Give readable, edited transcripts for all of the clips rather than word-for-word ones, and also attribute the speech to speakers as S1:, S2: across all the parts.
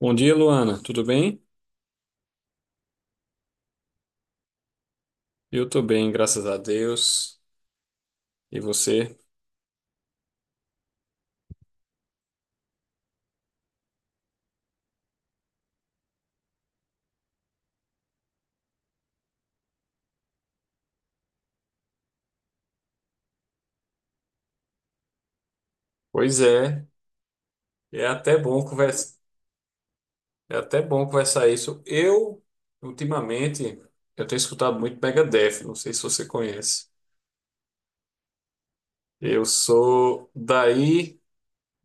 S1: Bom dia, Luana. Tudo bem? Eu tô bem, graças a Deus. E você? Pois é, é até bom conversa, é até bom conversar isso. Eu, ultimamente, eu tenho escutado muito Megadeth, não sei se você conhece. Eu sou daí,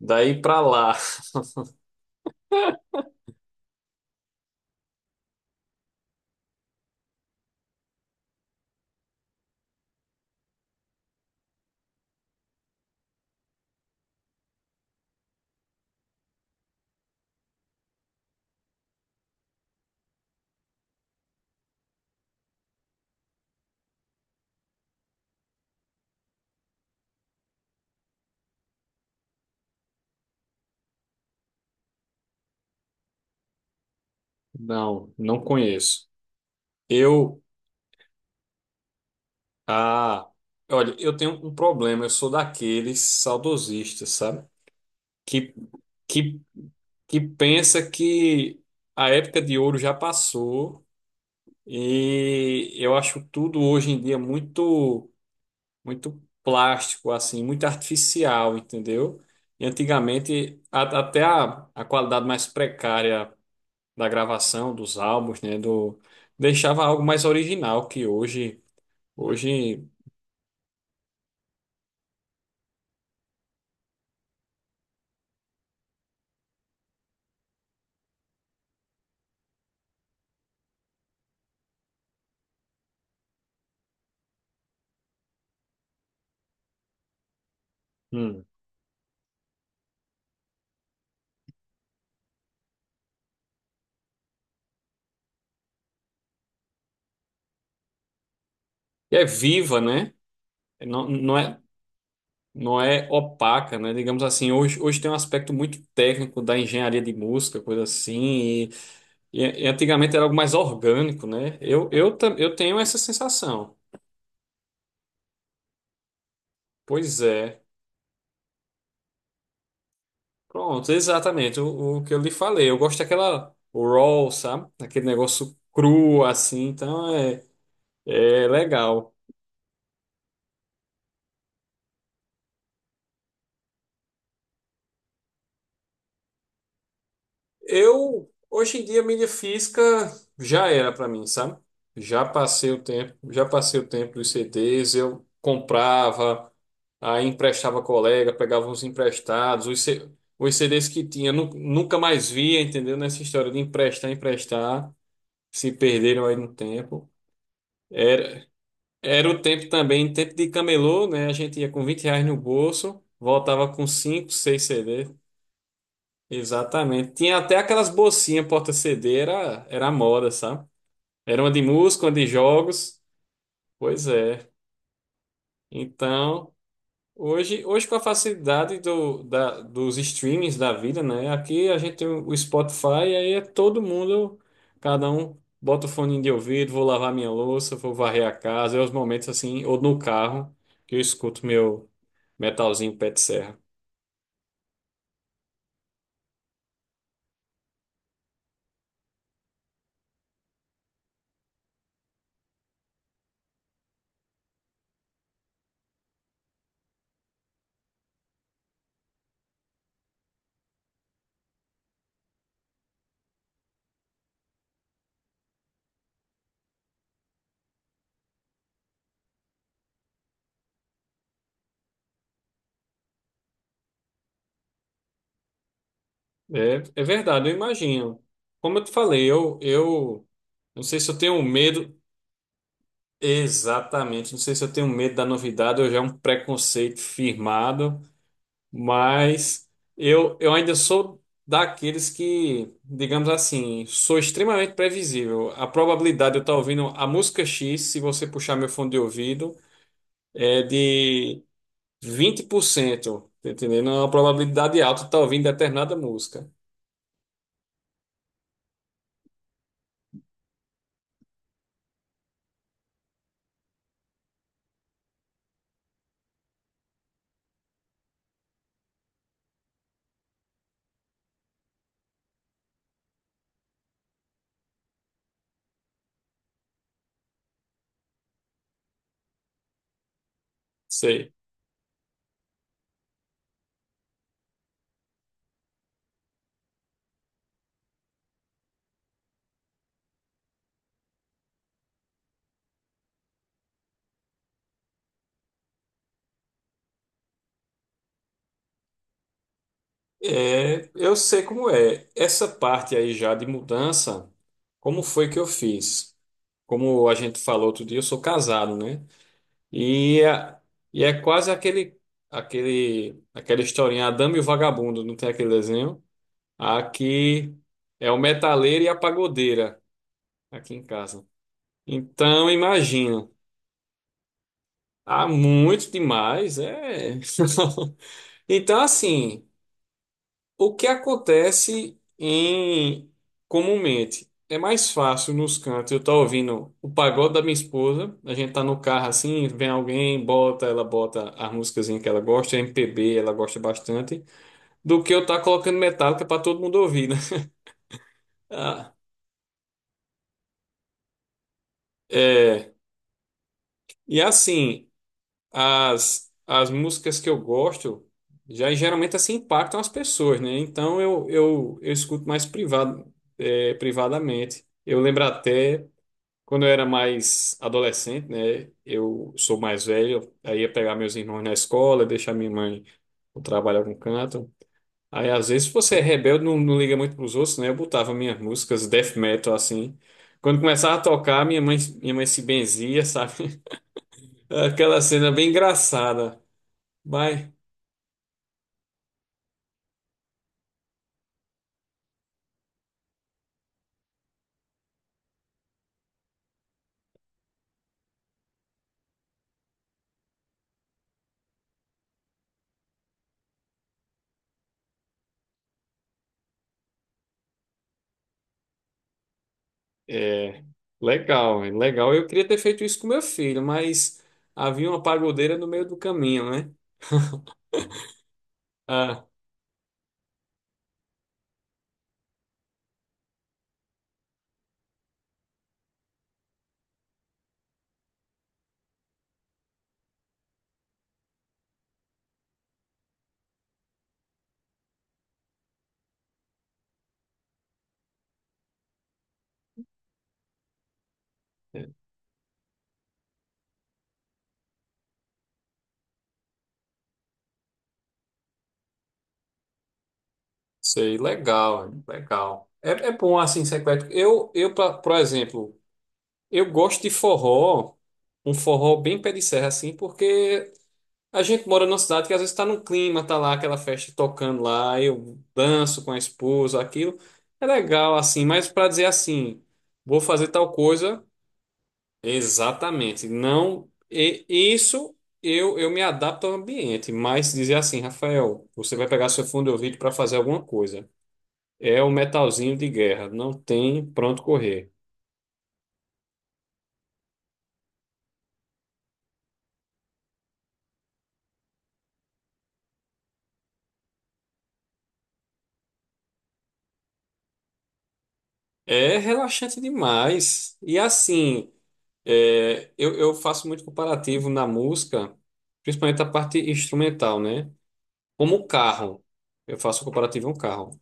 S1: daí pra lá. Não, não conheço. Eu, ah, olha, eu tenho um problema, eu sou daqueles saudosistas, sabe? Que, que que pensa que a época de ouro já passou e eu acho tudo hoje em dia muito muito plástico assim, muito artificial, entendeu? E antigamente até a qualidade mais precária da gravação dos álbuns, né, do deixava algo mais original que hoje hum, é viva, né? Não, não é opaca, né? Digamos assim, hoje tem um aspecto muito técnico da engenharia de música, coisa assim, e, e antigamente era algo mais orgânico, né? Eu tenho essa sensação. Pois é. Pronto, exatamente o que eu lhe falei. Eu gosto daquela raw, sabe? Aquele negócio cru, assim, então é legal. Eu, hoje em dia, mídia física já era para mim, sabe? Já passei o tempo, já passei o tempo dos CDs, eu comprava, aí emprestava colega, pegava uns emprestados, os CDs que tinha, nunca mais via, entendeu? Nessa história de emprestar, emprestar, se perderam aí no tempo. Era, era o tempo também, tempo de camelô, né? A gente ia com 20 reais no bolso, voltava com 5, 6 CDs. Exatamente. Tinha até aquelas bolsinhas porta-CD, era a moda, sabe? Era uma de música, uma de jogos. Pois é. Então, hoje com a facilidade dos streamings da vida, né? Aqui a gente tem o Spotify, e aí é todo mundo, cada um bota o fone de ouvido, vou lavar minha louça, vou varrer a casa, é os momentos assim, ou no carro, que eu escuto meu metalzinho pé de serra. É, é verdade, eu imagino. Como eu te falei, eu não sei se eu tenho medo exatamente, não sei se eu tenho medo da novidade, eu já é um preconceito firmado, mas eu ainda sou daqueles que, digamos assim, sou extremamente previsível. A probabilidade de eu estar ouvindo a música X, se você puxar meu fone de ouvido, é de 20%, tá entendendo? É uma probabilidade alta de estar ouvindo determinada música. Sei. É, eu sei como é. Essa parte aí já de mudança, como foi que eu fiz? Como a gente falou outro dia, eu sou casado, né? E é, e é quase aquela historinha, a Dama e o Vagabundo, não tem aquele desenho? Aqui é o metaleiro e a pagodeira, aqui em casa. Então, imagina, há muito demais, é. Então, assim. O que acontece em comumente é mais fácil nos cantos. Eu tô ouvindo o pagode da minha esposa, a gente tá no carro assim, vem alguém, bota, ela bota as músicas que ela gosta, MPB, ela gosta bastante, do que eu tá colocando Metallica para todo mundo ouvir, né? Ah, é, e assim, as músicas que eu gosto já geralmente assim impactam as pessoas, né? Então eu escuto mais privado, é, privadamente. Eu lembro até quando eu era mais adolescente, né, eu sou mais velho, aí ia pegar meus irmãos na escola, deixar minha mãe no trabalho em algum canto. Aí, às vezes, se você é rebelde, não liga muito pros outros, né? Eu botava minhas músicas death metal, assim. Quando começava a tocar, minha mãe se benzia, sabe? Aquela cena bem engraçada. Mas, é, legal, é legal. Eu queria ter feito isso com meu filho, mas havia uma pagodeira no meio do caminho, né? Ah. Sei, legal, hein? Legal. É, é bom assim ser eclético. Por exemplo, eu gosto de forró, um forró bem pé de serra assim, porque a gente mora numa cidade que às vezes está num clima, tá lá aquela festa tocando lá, eu danço com a esposa, aquilo. É legal assim, mas para dizer assim, vou fazer tal coisa, exatamente. Não, isso eu me adapto ao ambiente, mas dizer assim, Rafael, você vai pegar seu fundo de ouvido para fazer alguma coisa. É o metalzinho de guerra, não tem pronto correr. É relaxante demais. E assim, é, eu faço muito comparativo na música, principalmente a parte instrumental, né? Como um carro. Eu faço comparativo a um carro.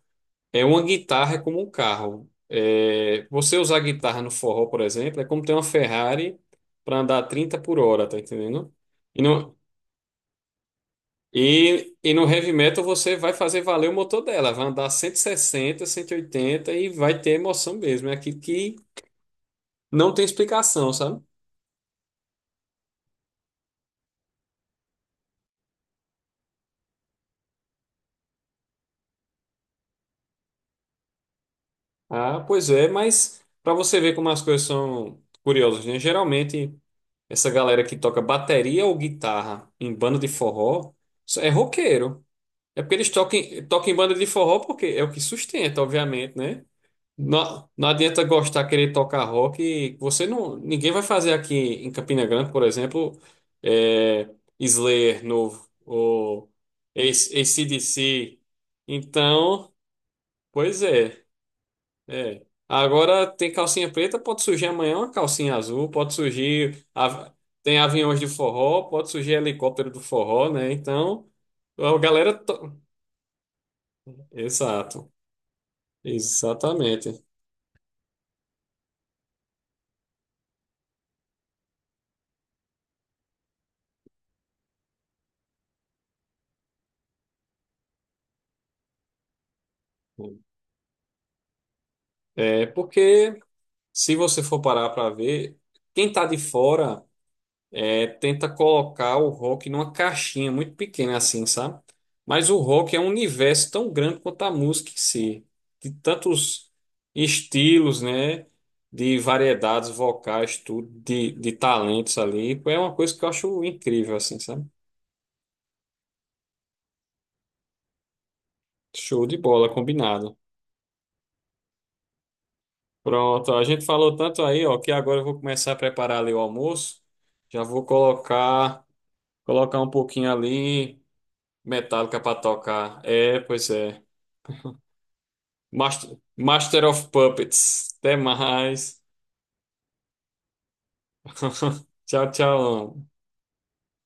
S1: É uma guitarra é como um carro. É, você usar guitarra no forró, por exemplo, é como ter uma Ferrari para andar 30 por hora, tá entendendo? E não, E no heavy metal você vai fazer valer o motor dela, vai andar 160, 180 e vai ter emoção mesmo. É aquilo que não tem explicação, sabe? Ah, pois é, mas para você ver como as coisas são curiosas, né? Geralmente essa galera que toca bateria ou guitarra em banda de forró é roqueiro. É porque eles tocam, em banda de forró porque é o que sustenta, obviamente, né? Não, não adianta gostar, querer tocar rock. Você não, ninguém vai fazer aqui em Campina Grande, por exemplo, é, Slayer novo ou AC/DC. Então, pois é, é. Agora tem calcinha preta, pode surgir amanhã uma calcinha azul, pode surgir tem aviões de forró, pode surgir helicóptero do forró, né? Então, a galera, to- exato, exatamente. É porque se você for parar para ver, quem tá de fora é, tenta colocar o rock numa caixinha muito pequena assim, sabe? Mas o rock é um universo tão grande quanto a música em si, de tantos estilos, né? De variedades vocais, tudo, de, talentos ali. É uma coisa que eu acho incrível, assim, sabe? Show de bola, combinado. Pronto, a gente falou tanto aí, ó, que agora eu vou começar a preparar ali o almoço. Já vou colocar, um pouquinho ali. Metallica pra tocar. É, pois é. Master, Master of Puppets. Até mais. Tchau, tchau.